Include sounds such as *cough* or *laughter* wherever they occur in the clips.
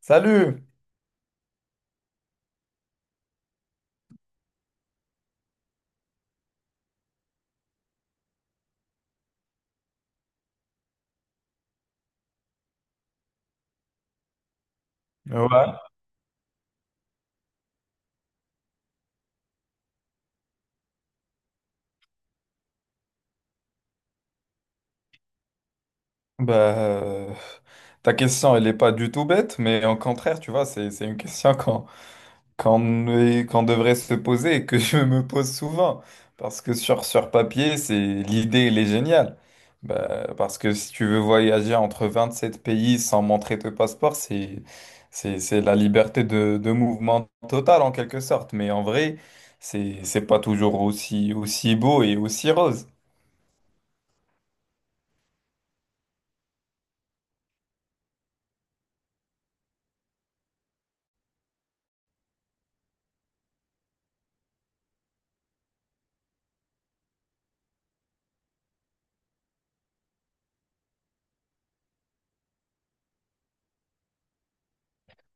Salut! Ouais. Bah, euh, Ta question, elle n'est pas du tout bête, mais au contraire, tu vois, c'est une question *laughs* qu'on devrait se poser et que *laughs* je me pose souvent. Parce que sur papier, c'est l'idée, elle est géniale. Bah, parce que si tu veux voyager entre 27 pays sans montrer ton passeport, c'est la liberté de mouvement totale en quelque sorte. Mais en vrai, c'est pas toujours aussi beau et aussi rose.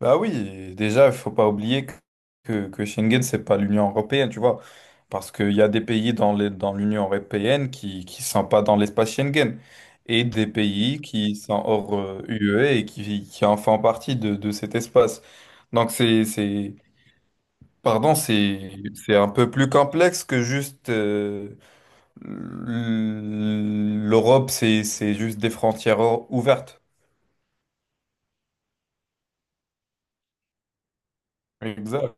Bah oui, déjà, il faut pas oublier que Schengen, c'est pas l'Union européenne, tu vois. Parce qu'il y a des pays dans l'Union européenne qui sont pas dans l'espace Schengen et des pays qui sont hors UE et qui en font partie de cet espace. Donc, c'est un peu plus complexe que juste l'Europe, c'est juste des frontières ouvertes. Exact.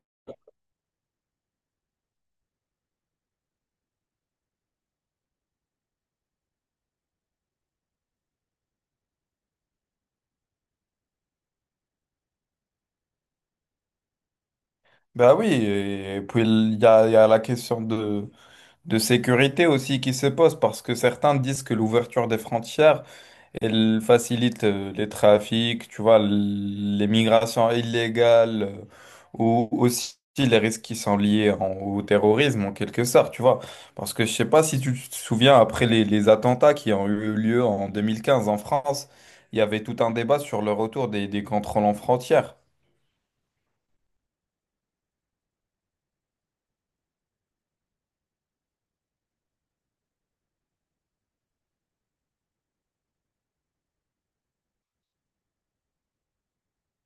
Bah oui, et puis il y a la question de sécurité aussi qui se pose parce que certains disent que l'ouverture des frontières, elle facilite les trafics, tu vois, les migrations illégales ou aussi les risques qui sont liés au terrorisme en quelque sorte, tu vois. Parce que je sais pas si tu te souviens après les attentats qui ont eu lieu en 2015 en France, il y avait tout un débat sur le retour des contrôles en frontières.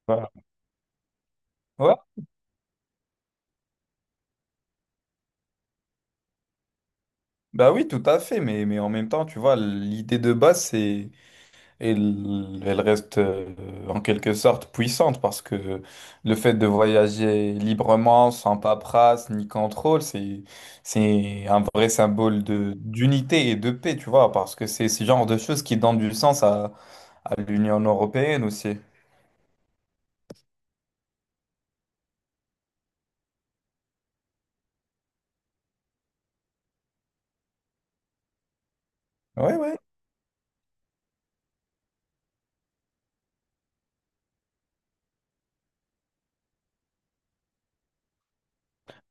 Voilà. Ouais, bah oui, tout à fait, mais en même temps, tu vois, l'idée de base, c'est et elle reste en quelque sorte puissante parce que le fait de voyager librement, sans paperasse ni contrôle, c'est un vrai symbole de, d'unité et de paix, tu vois, parce que c'est ce genre de choses qui donnent du sens à l'Union européenne aussi. Oui, oui.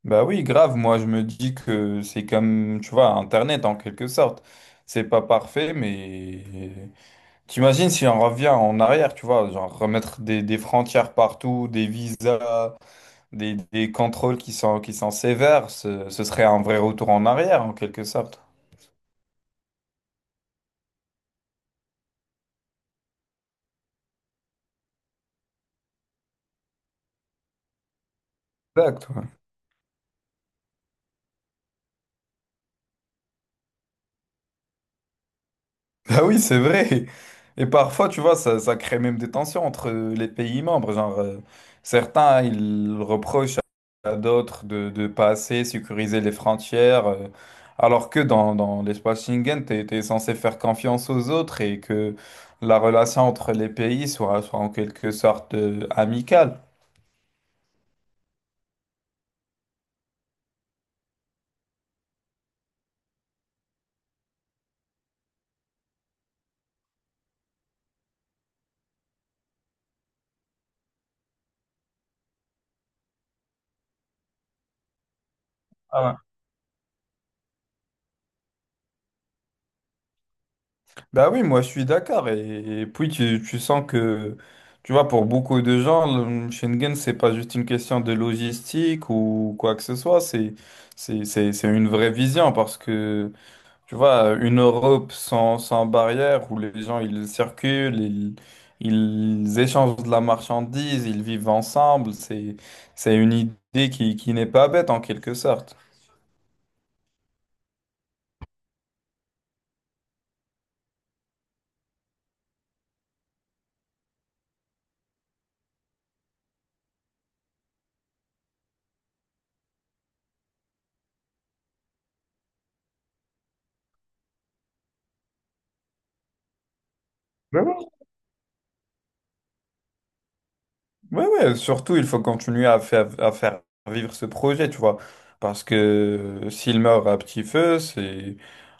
Bah oui, grave. Moi, je me dis que c'est comme, tu vois, Internet en quelque sorte. C'est pas parfait, mais t'imagines si on revient en arrière, tu vois, genre remettre des frontières partout, des visas, des contrôles qui sont sévères, ce serait un vrai retour en arrière en quelque sorte. Exact. *laughs* Ah oui, c'est vrai. Et parfois, tu vois, ça crée même des tensions entre les pays membres. Certains, hein, ils reprochent à d'autres de assez sécuriser les frontières, alors que dans l'espace Schengen, t'es censé faire confiance aux autres et que la relation entre les pays soit en quelque sorte, amicale. Ah, bah oui, moi je suis d'accord. Et puis tu sens que, tu vois, pour beaucoup de gens, Schengen, c'est pas juste une question de logistique ou quoi que ce soit, c'est une vraie vision parce que, tu vois, une Europe sans barrière où les gens ils circulent, ils échangent de la marchandise, ils vivent ensemble, c'est une idée qui n'est pas bête en quelque sorte. Ouais, ouais, surtout, il faut continuer à faire vivre ce projet, tu vois. Parce que s'il meurt à petit feu, c'est,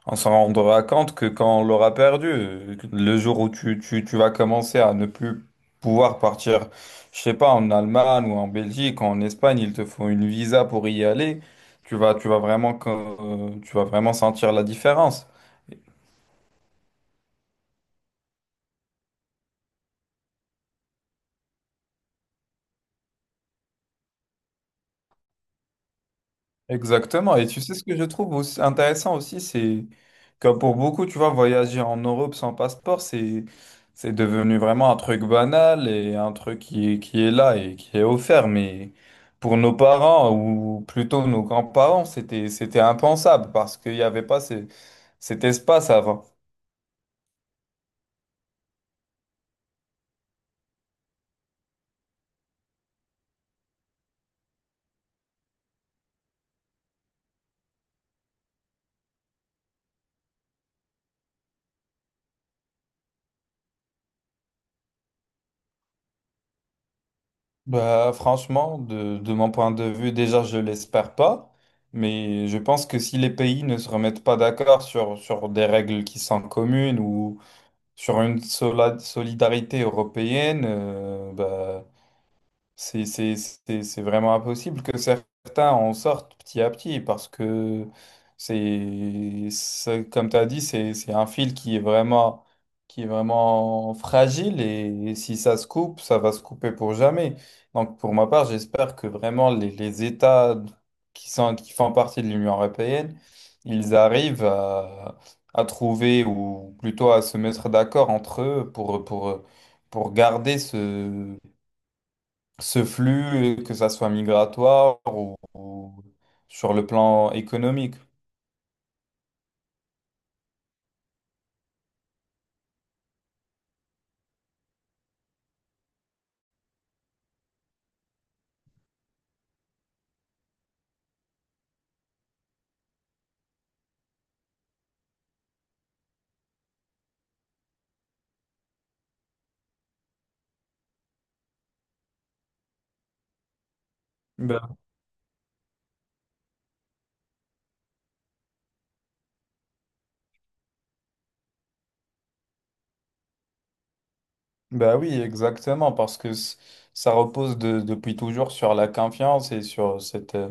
on s'en rendra compte que quand on l'aura perdu, le jour où tu vas commencer à ne plus pouvoir partir, je sais pas, en Allemagne ou en Belgique, ou en Espagne, il te faut une visa pour y aller, tu vas vraiment, tu vas vraiment sentir la différence. Exactement. Et tu sais ce que je trouve aussi intéressant aussi, c'est que pour beaucoup, tu vois, voyager en Europe sans passeport, c'est devenu vraiment un truc banal et un truc qui est là et qui est offert. Mais pour nos parents ou plutôt nos grands-parents, c'était impensable parce qu'il n'y avait pas cet espace avant. Bah franchement, de mon point de vue, déjà, je l'espère pas. Mais je pense que si les pays ne se remettent pas d'accord sur des règles qui sont communes ou sur une solidarité européenne, bah, c'est vraiment impossible que certains en sortent petit à petit parce que comme tu as dit, c'est un fil qui est vraiment fragile et, si ça se coupe, ça va se couper pour jamais. Donc pour ma part, j'espère que vraiment les États qui font partie de l'Union européenne, ils arrivent à trouver ou plutôt à se mettre d'accord entre eux pour garder ce flux, que ça soit migratoire ou sur le plan économique. Ben, ben oui, exactement, parce que ça repose depuis toujours sur la confiance et sur cette,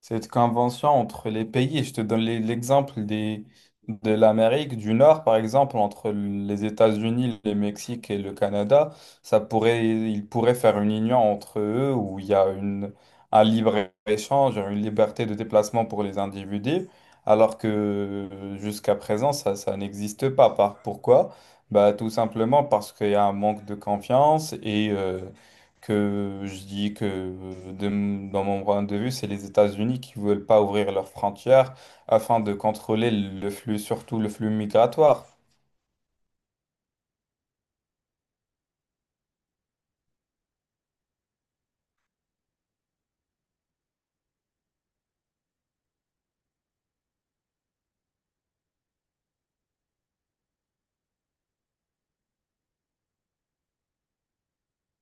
cette convention entre les pays. Et je te donne l'exemple des, de l'Amérique du Nord, par exemple, entre les États-Unis, le Mexique et le Canada. Ils pourraient faire une union entre eux où il y a un libre-échange, une liberté de déplacement pour les individus, alors que jusqu'à présent, ça n'existe pas. Pourquoi? Bah, tout simplement parce qu'il y a un manque de confiance et que je dis que dans mon point de vue, c'est les États-Unis qui veulent pas ouvrir leurs frontières afin de contrôler le flux, surtout le flux migratoire.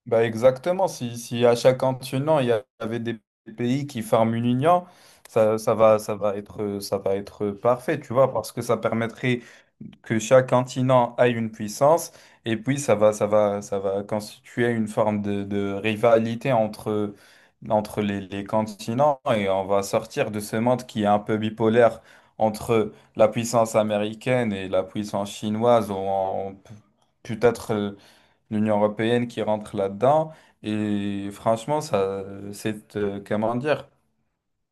Bah exactement, si à chaque continent, il y avait des pays qui forment une union, ça va être parfait, tu vois, parce que ça permettrait que chaque continent ait une puissance, et puis ça va constituer une forme de rivalité entre les continents, et on va sortir de ce monde qui est un peu bipolaire entre la puissance américaine et la puissance chinoise, peut-être l'Union européenne qui rentre là-dedans, et franchement, ça, c'est, comment dire,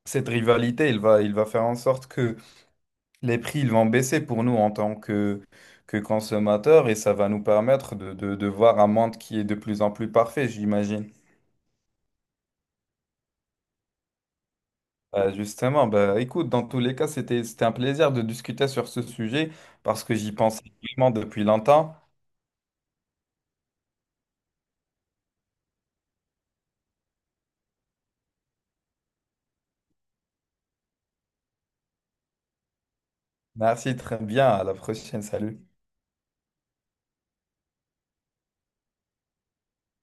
cette rivalité, il va faire en sorte que les prix ils vont baisser pour nous en tant que consommateurs et ça va nous permettre de voir un monde qui est de plus en plus parfait, j'imagine. Écoute, dans tous les cas, c'était un plaisir de discuter sur ce sujet parce que j'y pensais vraiment depuis longtemps. Merci, très bien, à la prochaine, salut.